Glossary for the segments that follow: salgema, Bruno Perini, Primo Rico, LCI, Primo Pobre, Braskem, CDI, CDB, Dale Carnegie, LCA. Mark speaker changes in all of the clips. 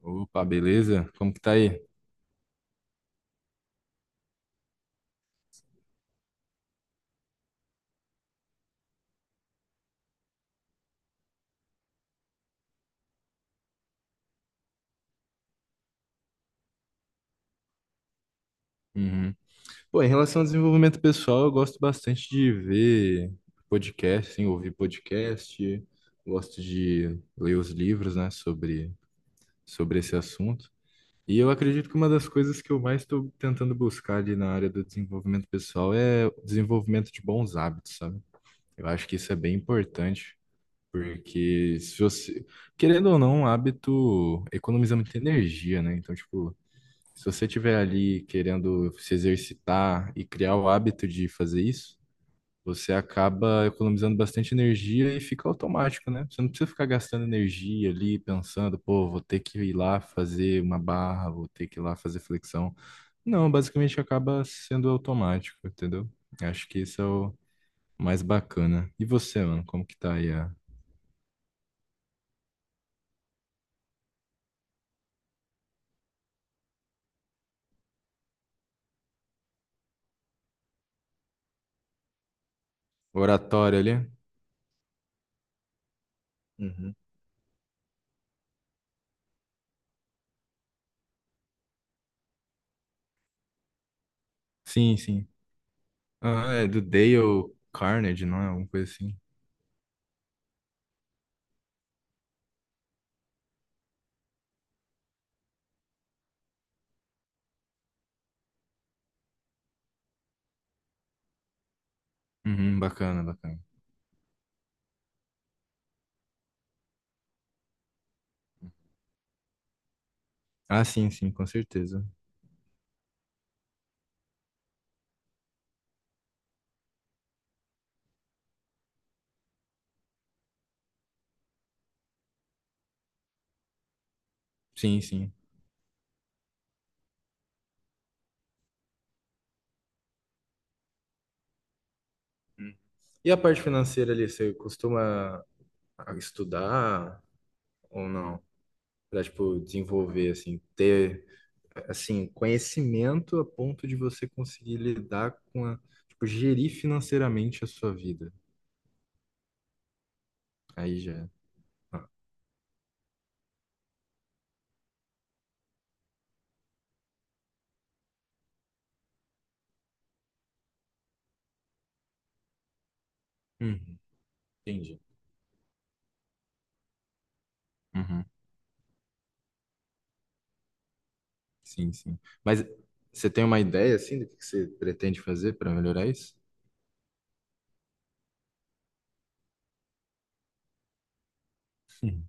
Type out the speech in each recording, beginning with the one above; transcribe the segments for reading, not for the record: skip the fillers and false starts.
Speaker 1: Opa, beleza? Como que tá aí? Uhum. Pô, em relação ao desenvolvimento pessoal, eu gosto bastante de ver podcast, assim, ouvir podcast, gosto de ler os livros, né, sobre esse assunto. E eu acredito que uma das coisas que eu mais estou tentando buscar ali na área do desenvolvimento pessoal é o desenvolvimento de bons hábitos, sabe? Eu acho que isso é bem importante, porque se você, querendo ou não, um hábito economiza muita energia, né? Então, tipo, se você estiver ali querendo se exercitar e criar o hábito de fazer isso, você acaba economizando bastante energia e fica automático, né? Você não precisa ficar gastando energia ali pensando, pô, vou ter que ir lá fazer uma barra, vou ter que ir lá fazer flexão. Não, basicamente acaba sendo automático, entendeu? Acho que isso é o mais bacana. E você, mano, como que tá aí a oratória ali? Uhum. Sim, sim. Ah, é do Dale Carnegie, não é? Alguma coisa assim. Uhum, bacana, bacana. Ah, sim, sim, com certeza. Sim, sim. Hum. E a parte financeira ali, você costuma estudar ou não? Pra, tipo, desenvolver, assim, ter, assim, conhecimento a ponto de você conseguir lidar com a, tipo, gerir financeiramente a sua vida. Aí já é. Ah, uhum, entendi. Uhum, sim, sim. Mas você tem uma ideia, assim, do que você pretende fazer para melhorar isso? Sim.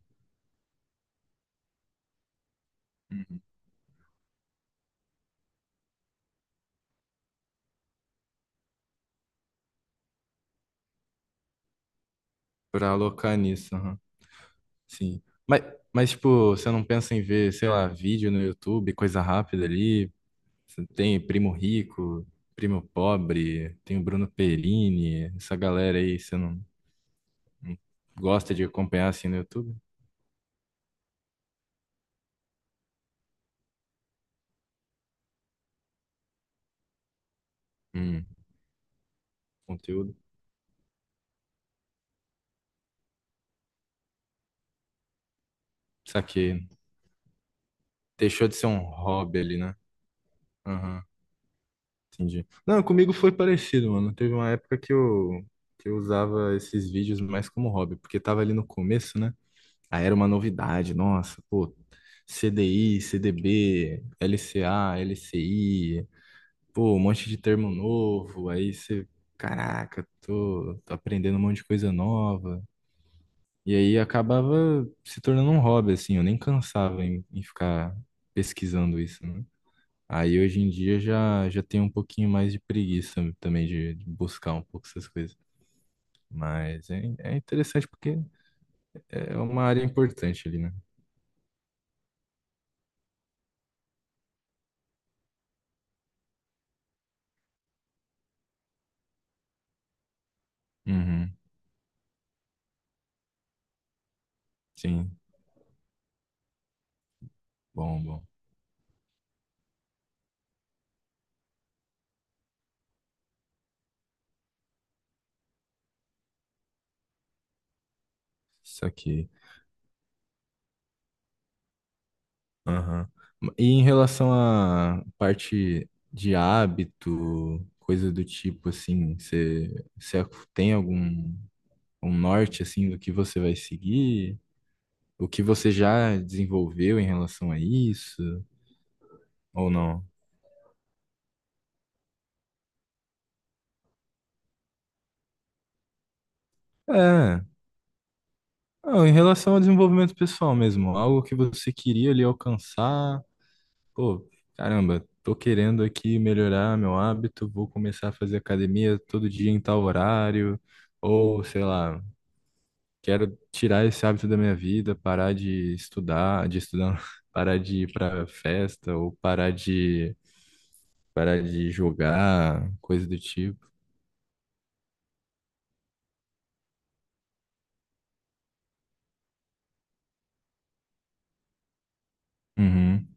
Speaker 1: Para alocar nisso. Sim. Mas, mas, tipo, você não pensa em ver, sei lá, vídeo no YouTube, coisa rápida ali? Você tem Primo Rico, Primo Pobre, tem o Bruno Perini, essa galera aí, você não gosta de acompanhar assim no YouTube? Hum, conteúdo. Saquei. Deixou de ser um hobby ali, né? Aham, entendi. Não, comigo foi parecido, mano. Teve uma época que eu usava esses vídeos mais como hobby, porque tava ali no começo, né? Aí era uma novidade, nossa, pô, CDI, CDB, LCA, LCI, pô, um monte de termo novo, aí você, caraca, tô aprendendo um monte de coisa nova. E aí acabava se tornando um hobby, assim, eu nem cansava em ficar pesquisando isso, né? Aí hoje em dia já tenho um pouquinho mais de preguiça também de buscar um pouco essas coisas. Mas é interessante porque é uma área importante ali, né? Uhum, sim. Bom, bom. Isso aqui. Aham. E em relação à parte de hábito, coisa do tipo, assim, você tem algum um norte, assim, do que você vai seguir? O que você já desenvolveu em relação a isso? Ou não? É. Ah, em relação ao desenvolvimento pessoal mesmo, algo que você queria ali alcançar. Pô, caramba, tô querendo aqui melhorar meu hábito, vou começar a fazer academia todo dia em tal horário, ou sei lá, quero tirar esse hábito da minha vida, parar de estudar, não, parar de ir pra festa, ou parar de jogar, coisa do tipo. Uhum.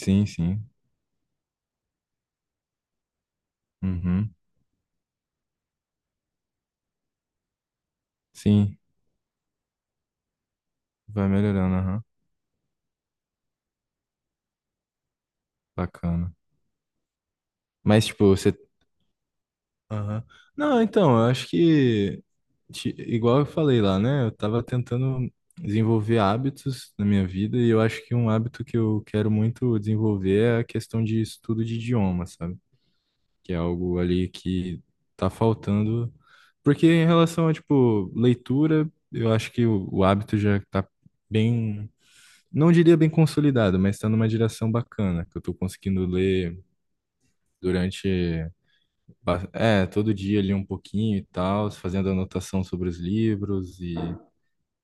Speaker 1: Sim, sim. Uhum. Sim, vai melhorando, aham. Bacana. Mas, tipo, você... Aham. Não, então, eu acho que, igual eu falei lá, né? Eu tava tentando desenvolver hábitos na minha vida e eu acho que um hábito que eu quero muito desenvolver é a questão de estudo de idioma, sabe? Que é algo ali que tá faltando. Porque em relação a, tipo, leitura, eu acho que o hábito já tá bem, não diria bem consolidado, mas tá numa direção bacana, que eu tô conseguindo ler durante... Ba- É, todo dia ali um pouquinho e tal, fazendo anotação sobre os livros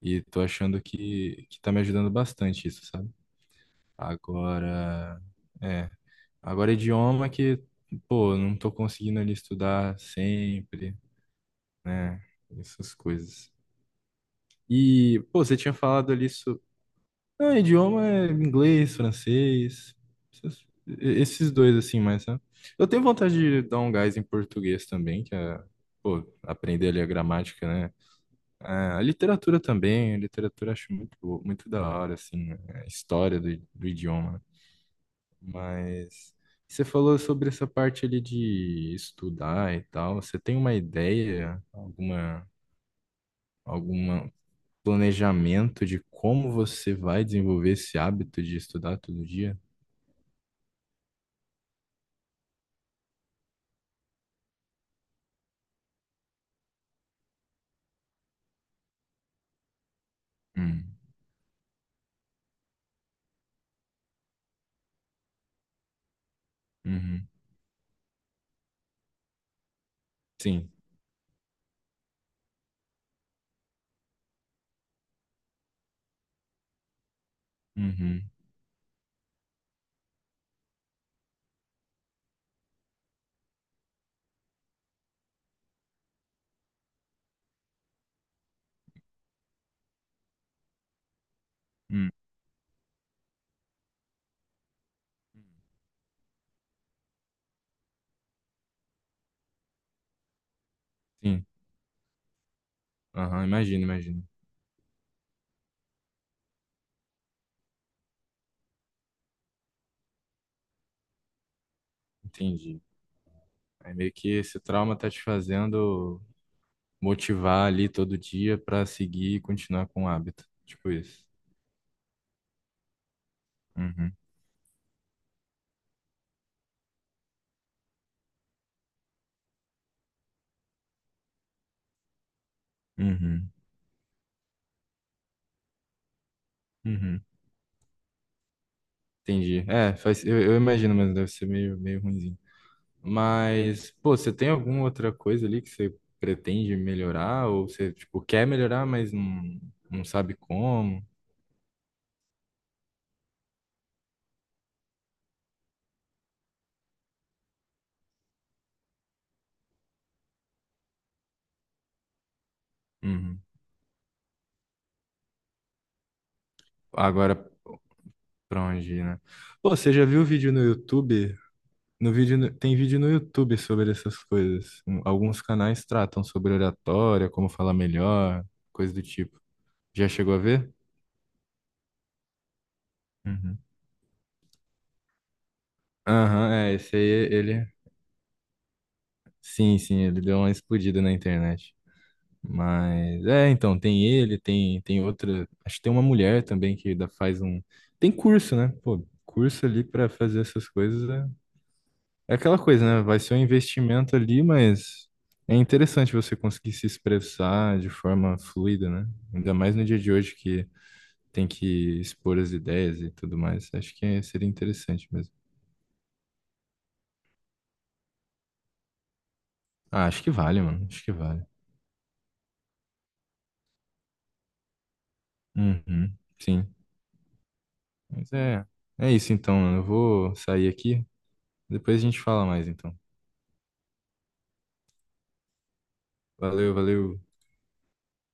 Speaker 1: e tô achando que tá me ajudando bastante isso, sabe? Agora, é, agora idioma que, pô, não tô conseguindo ali estudar sempre, né? Essas coisas. E, pô, você tinha falado ali so-. Não, idioma é inglês, francês, esses dois assim, mas né? Eu tenho vontade de dar um gás em português também, que é, pô, aprender ali a gramática, né? Ah, a literatura também, a literatura eu acho muito, muito da hora, assim, né? A história do idioma. Mas você falou sobre essa parte ali de estudar e tal, você tem uma ideia, alguma planejamento de como você vai desenvolver esse hábito de estudar todo dia? Hum, uhum, sim, uhum, hum, sim, aham, imagino, imagino, entendi. Aí meio que esse trauma tá te fazendo motivar ali todo dia pra seguir e continuar com o hábito, tipo isso. Uhum, uhum, uhum, entendi. É, eu imagino, mas deve ser meio, meio ruinzinho. Mas, pô, você tem alguma outra coisa ali que você pretende melhorar ou você, tipo, quer melhorar, mas não sabe como? Uhum. Agora, pra onde ir, né? Pô, você já viu vídeo no YouTube? No vídeo no- Tem vídeo no YouTube sobre essas coisas. Um- Alguns canais tratam sobre oratória, como falar melhor, coisa do tipo. Já chegou a ver? Uhum. Aham, é, esse aí, ele... Sim, sim, ele deu uma explodida na internet. Mas, é, então, tem ele, tem outra... Acho que tem uma mulher também que dá- faz um... Tem curso, né? Pô, curso ali pra fazer essas coisas é... É aquela coisa, né? Vai ser um investimento ali, mas é interessante você conseguir se expressar de forma fluida, né? Ainda mais no dia de hoje que tem que expor as ideias e tudo mais. Acho que seria interessante mesmo. Ah, acho que vale, mano. Acho que vale. Uhum, sim. Mas é isso então, mano. Eu vou sair aqui. Depois a gente fala mais então. Valeu, valeu.